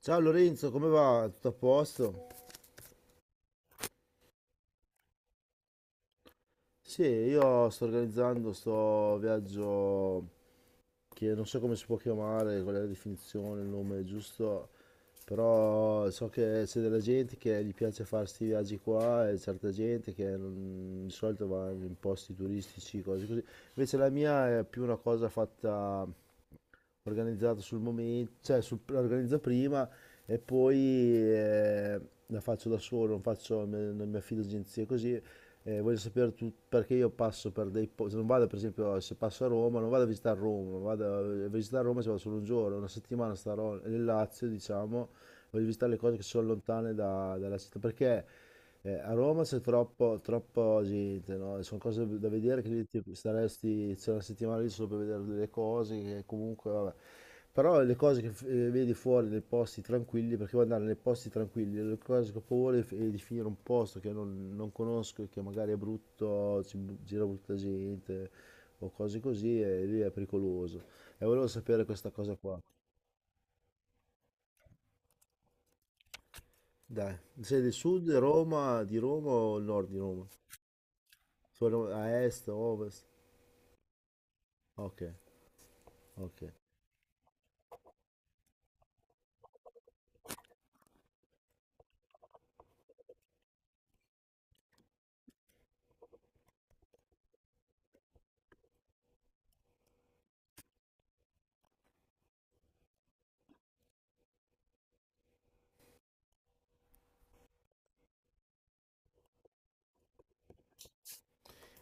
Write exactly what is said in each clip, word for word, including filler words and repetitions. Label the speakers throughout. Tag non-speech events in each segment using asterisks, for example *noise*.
Speaker 1: Ciao Lorenzo, come va? Tutto a posto? Sì, io sto organizzando sto viaggio che non so come si può chiamare, qual è la definizione, il nome giusto, però so che c'è della gente che gli piace fare questi viaggi qua e certa gente che non- di solito va in posti turistici, cose così. Invece la mia è più una cosa fatta organizzato sul momento, cioè sul- la organizzo prima e poi eh, la faccio da solo, non faccio, me- non mi affido a agenzie così. Eh, voglio sapere tu- perché io passo per dei posti, non vado per esempio se passo a Roma, non vado a visitare Roma, non vado a a visitare Roma, ci vado solo un giorno, una settimana starò nel Lazio, diciamo, voglio visitare le cose che sono lontane da- dalla città, perché eh, a Roma c'è troppo, troppo gente, no? Sono cose da vedere che ti staresti, c'è una settimana lì solo per vedere delle cose che comunque, vabbè. Però le cose che eh, vedi fuori nei posti tranquilli, perché vuoi andare nei posti tranquilli, le cose che ho paura è è di finire in un posto che non, non conosco e che magari è brutto, ci bu- gira brutta gente o cose così, e lì è pericoloso. E volevo sapere questa cosa qua. Dai, sei del sud Roma, di Roma o il nord di Roma? Sono a est, ovest? Ok, ok.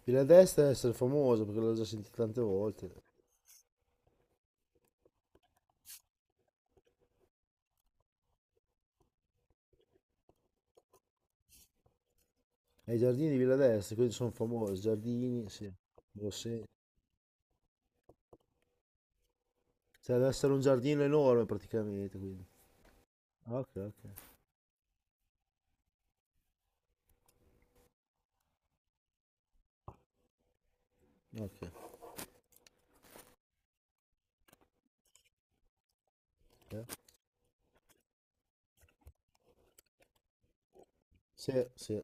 Speaker 1: Villa d'Este deve essere famosa perché l'ho già sentita tante volte. E i giardini di Villa d'Este, quelli sono famosi. Giardini, sì. Lo se- Cioè, deve essere un giardino enorme praticamente, quindi. Ok, ok, ok. Eh? Sì, sì,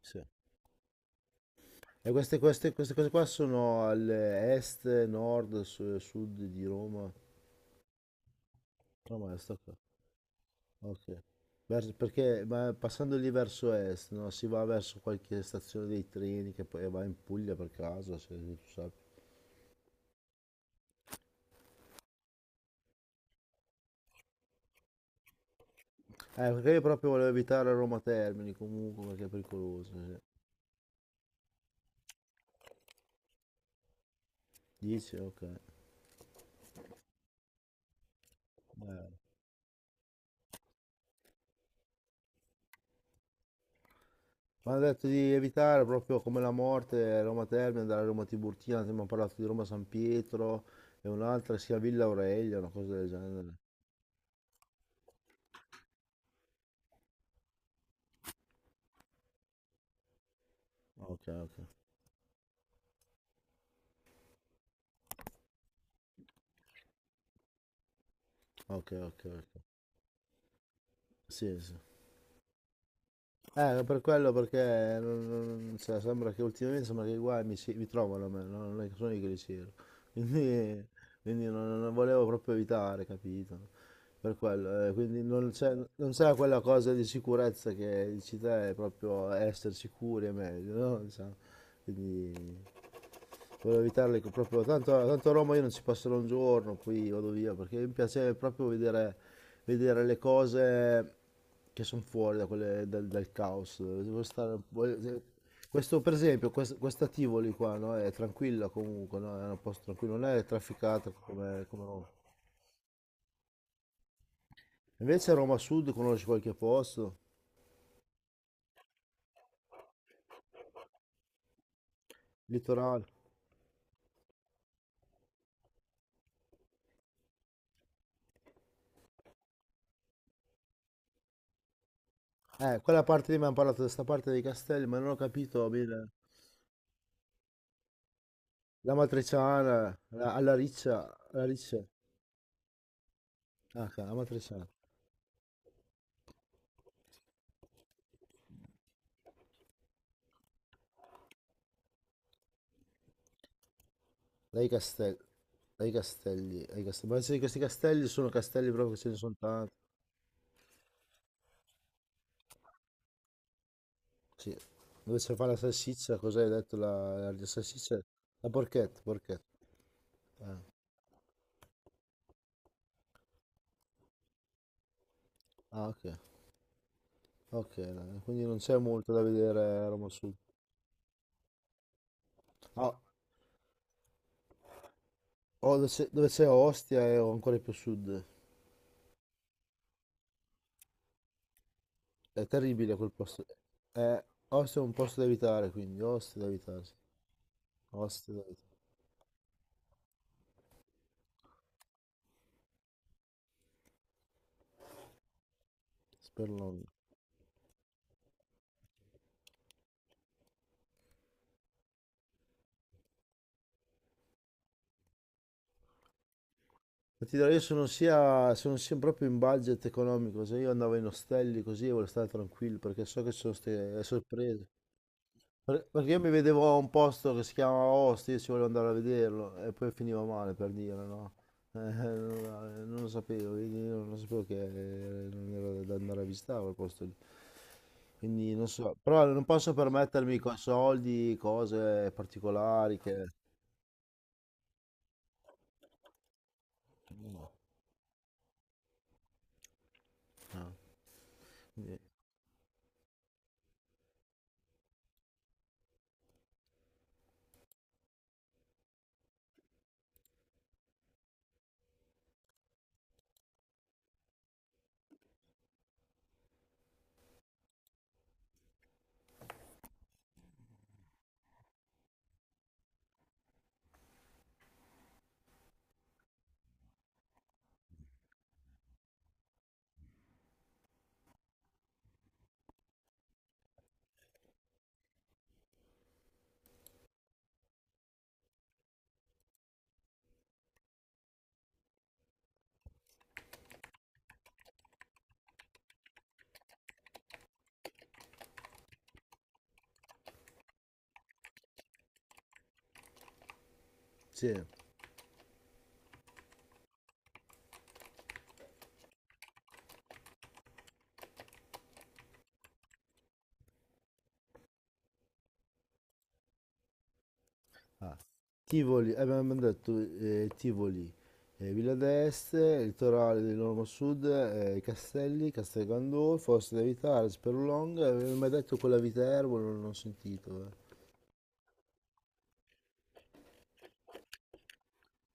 Speaker 1: sì. E queste, queste, queste cose qua sono all'est, nord, su- sud di Roma. Roma est, ok. Ok. Vers- perché ma passando lì verso est, no? Si va verso qualche stazione dei treni che poi va in Puglia per caso, se tu sai. Eh, perché io proprio volevo evitare Roma Termini comunque perché è pericoloso. Sì. Dici? Ok. Eh. Mi hanno detto di evitare proprio come la morte Roma Termini, andare a Roma Tiburtina, abbiamo parlato di Roma San Pietro e un'altra che si chiama Villa Aurelia, una cosa del genere. Ok, ok, ok, ok, ok. Sì, sì. Eh, per quello perché non- non- non- cioè, sembra che ultimamente sembra che i guai mi, si- mi trovano a me, no? Non è che sono io che li cerco. Quindi, quindi non, non volevo proprio evitare, capito? Per quello, eh, quindi non c'è non c'è quella cosa di sicurezza che dici te, è proprio essere sicuri è meglio, no? Diciamo, quindi volevo evitarle co- proprio, tanto, tanto a Roma io non ci passerò un giorno, poi vado via, perché mi piace proprio vedere, vedere le cose che sono fuori da quelle- dal, dal caos. Devo stare, un po'- questo per esempio, quest- questa Tivoli qua, no? È tranquilla comunque, no? È un posto tranquillo, non è trafficata come, come Roma. Invece a Roma Sud conosci qualche posto, litorale. Eh, quella parte lì mi hanno parlato di questa parte dei castelli, ma non ho capito bene. La matriciana, la, alla riccia, alla riccia, ah, ca- la matriciana, dai castelli, dai castelli, dai castelli. Ma sì, questi castelli sono castelli proprio che ce ne sono tanti. Sì, dove si fa la salsiccia, cos'hai detto? La, la salsiccia? La porchetta, porchetta. Eh, Ah, ok, ok, dai, quindi non c'è molto da vedere a Roma Sud. Ah, oh, dove c'è dove c'è Ostia è ancora più a sud. È terribile quel posto. Eh, Ostia è un posto da evitare, quindi Ostia da evitare. Sì. Ostia da evitare. Spero non. Ma ti dirò, io sono sia, sono sia proprio in budget economico, se io andavo in ostelli così e volevo stare tranquillo perché so che ci sono queste sorprese. Per- Perché io mi vedevo a un posto che si chiamava Ostia, io ci volevo andare a vederlo e poi finiva male per dire, no? *laughs* Eh, non, non lo sapevo, quindi io non sapevo che eh, non era da andare a visitare quel posto lì. Quindi non so, però non posso permettermi con soldi, cose particolari che... no, no, niente. Sì. Ah, Tivoli, eh, abbiamo detto eh, Tivoli, eh, Villa d'Este, litorale dell'Ormo Sud, eh, Castelli, Castel Gandolfo, Oste da Vitale, Sperlonga, eh, avevo mai detto quella Viterbo, non ho sentito, eh.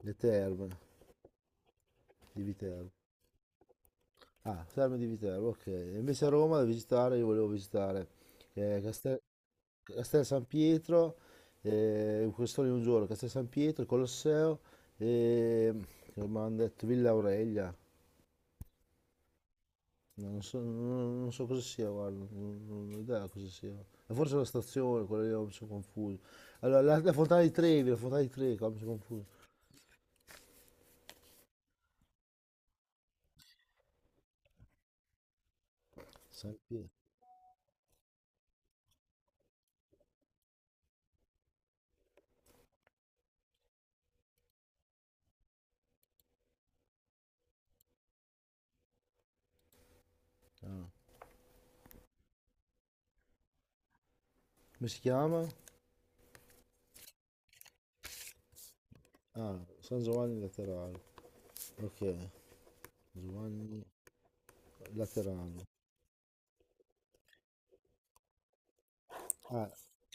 Speaker 1: Le terme di Viterbo. Ah, Terme di Viterbo, ok. E invece a Roma da visitare, io volevo visitare eh, Castel, Castel San Pietro, eh, questo lì un giorno, Castel San Pietro, Colosseo e come hanno detto Villa Aurelia. No, non so, non, non so cosa sia, guarda, non, non ho idea cosa sia. E forse la stazione, quella lì mi sono confuso. Allora, la, la Fontana di Trevi, la Fontana di Trevi, qua mi sono confuso. San Pietro. Come si chiama? Ah, San Giovanni Laterano. Ok, Giovanni Laterano. Eh,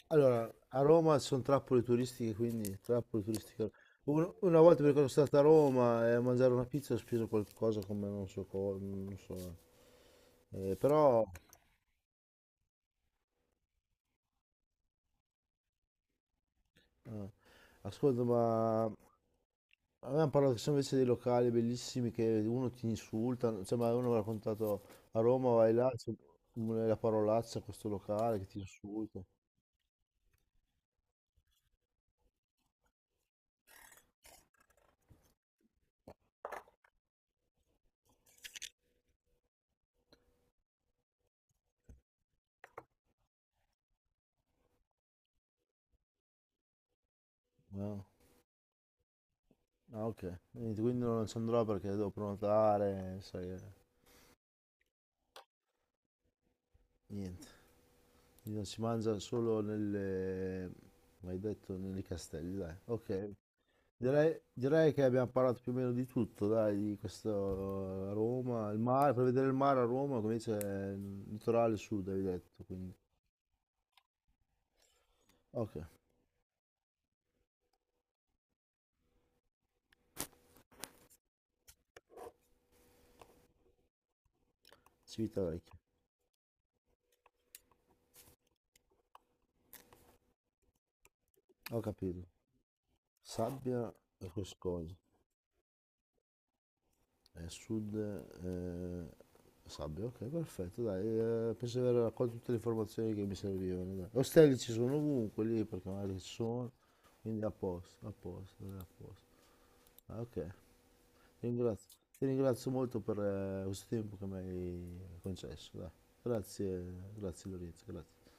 Speaker 1: Allora, a Roma sono trappole turistiche, quindi trappole turistiche. Un- Una volta perché sono stato a Roma e a mangiare una pizza ho speso qualcosa come non so cosa, non so. Eh, però, eh, ascolta, ma avevamo parlato che sono invece dei locali bellissimi che uno ti insulta, cioè, ma uno mi ha raccontato a Roma vai là, c'è una- la parolaccia a questo locale che ti insulta. Eh. Ah, ok. Niente, quindi non ci andrò perché devo prenotare, sai, eh, niente. Quindi non si mangia solo nelle, come hai detto, nei castelli, dai. Ok. Direi, direi che abbiamo parlato più o meno di tutto, dai, di questo eh, Roma, il mare, per vedere il mare a Roma, come dice, eh, il litorale sud, hai detto, quindi. Ok, Civitavecchia. Ho capito. Sabbia e Coscoglio. Eh, sud, eh, sabbia, ok, perfetto, dai, eh, penso di aver raccolto tutte le informazioni che mi servivano. Dai. Ostelli ci sono ovunque lì, perché magari ci sono, quindi a posto, a posto, dai, a posto. Ah, ok, ti ringrazio, ti ringrazio molto per eh, questo tempo che mi hai concesso, dai. Grazie, grazie Lorenzo, grazie.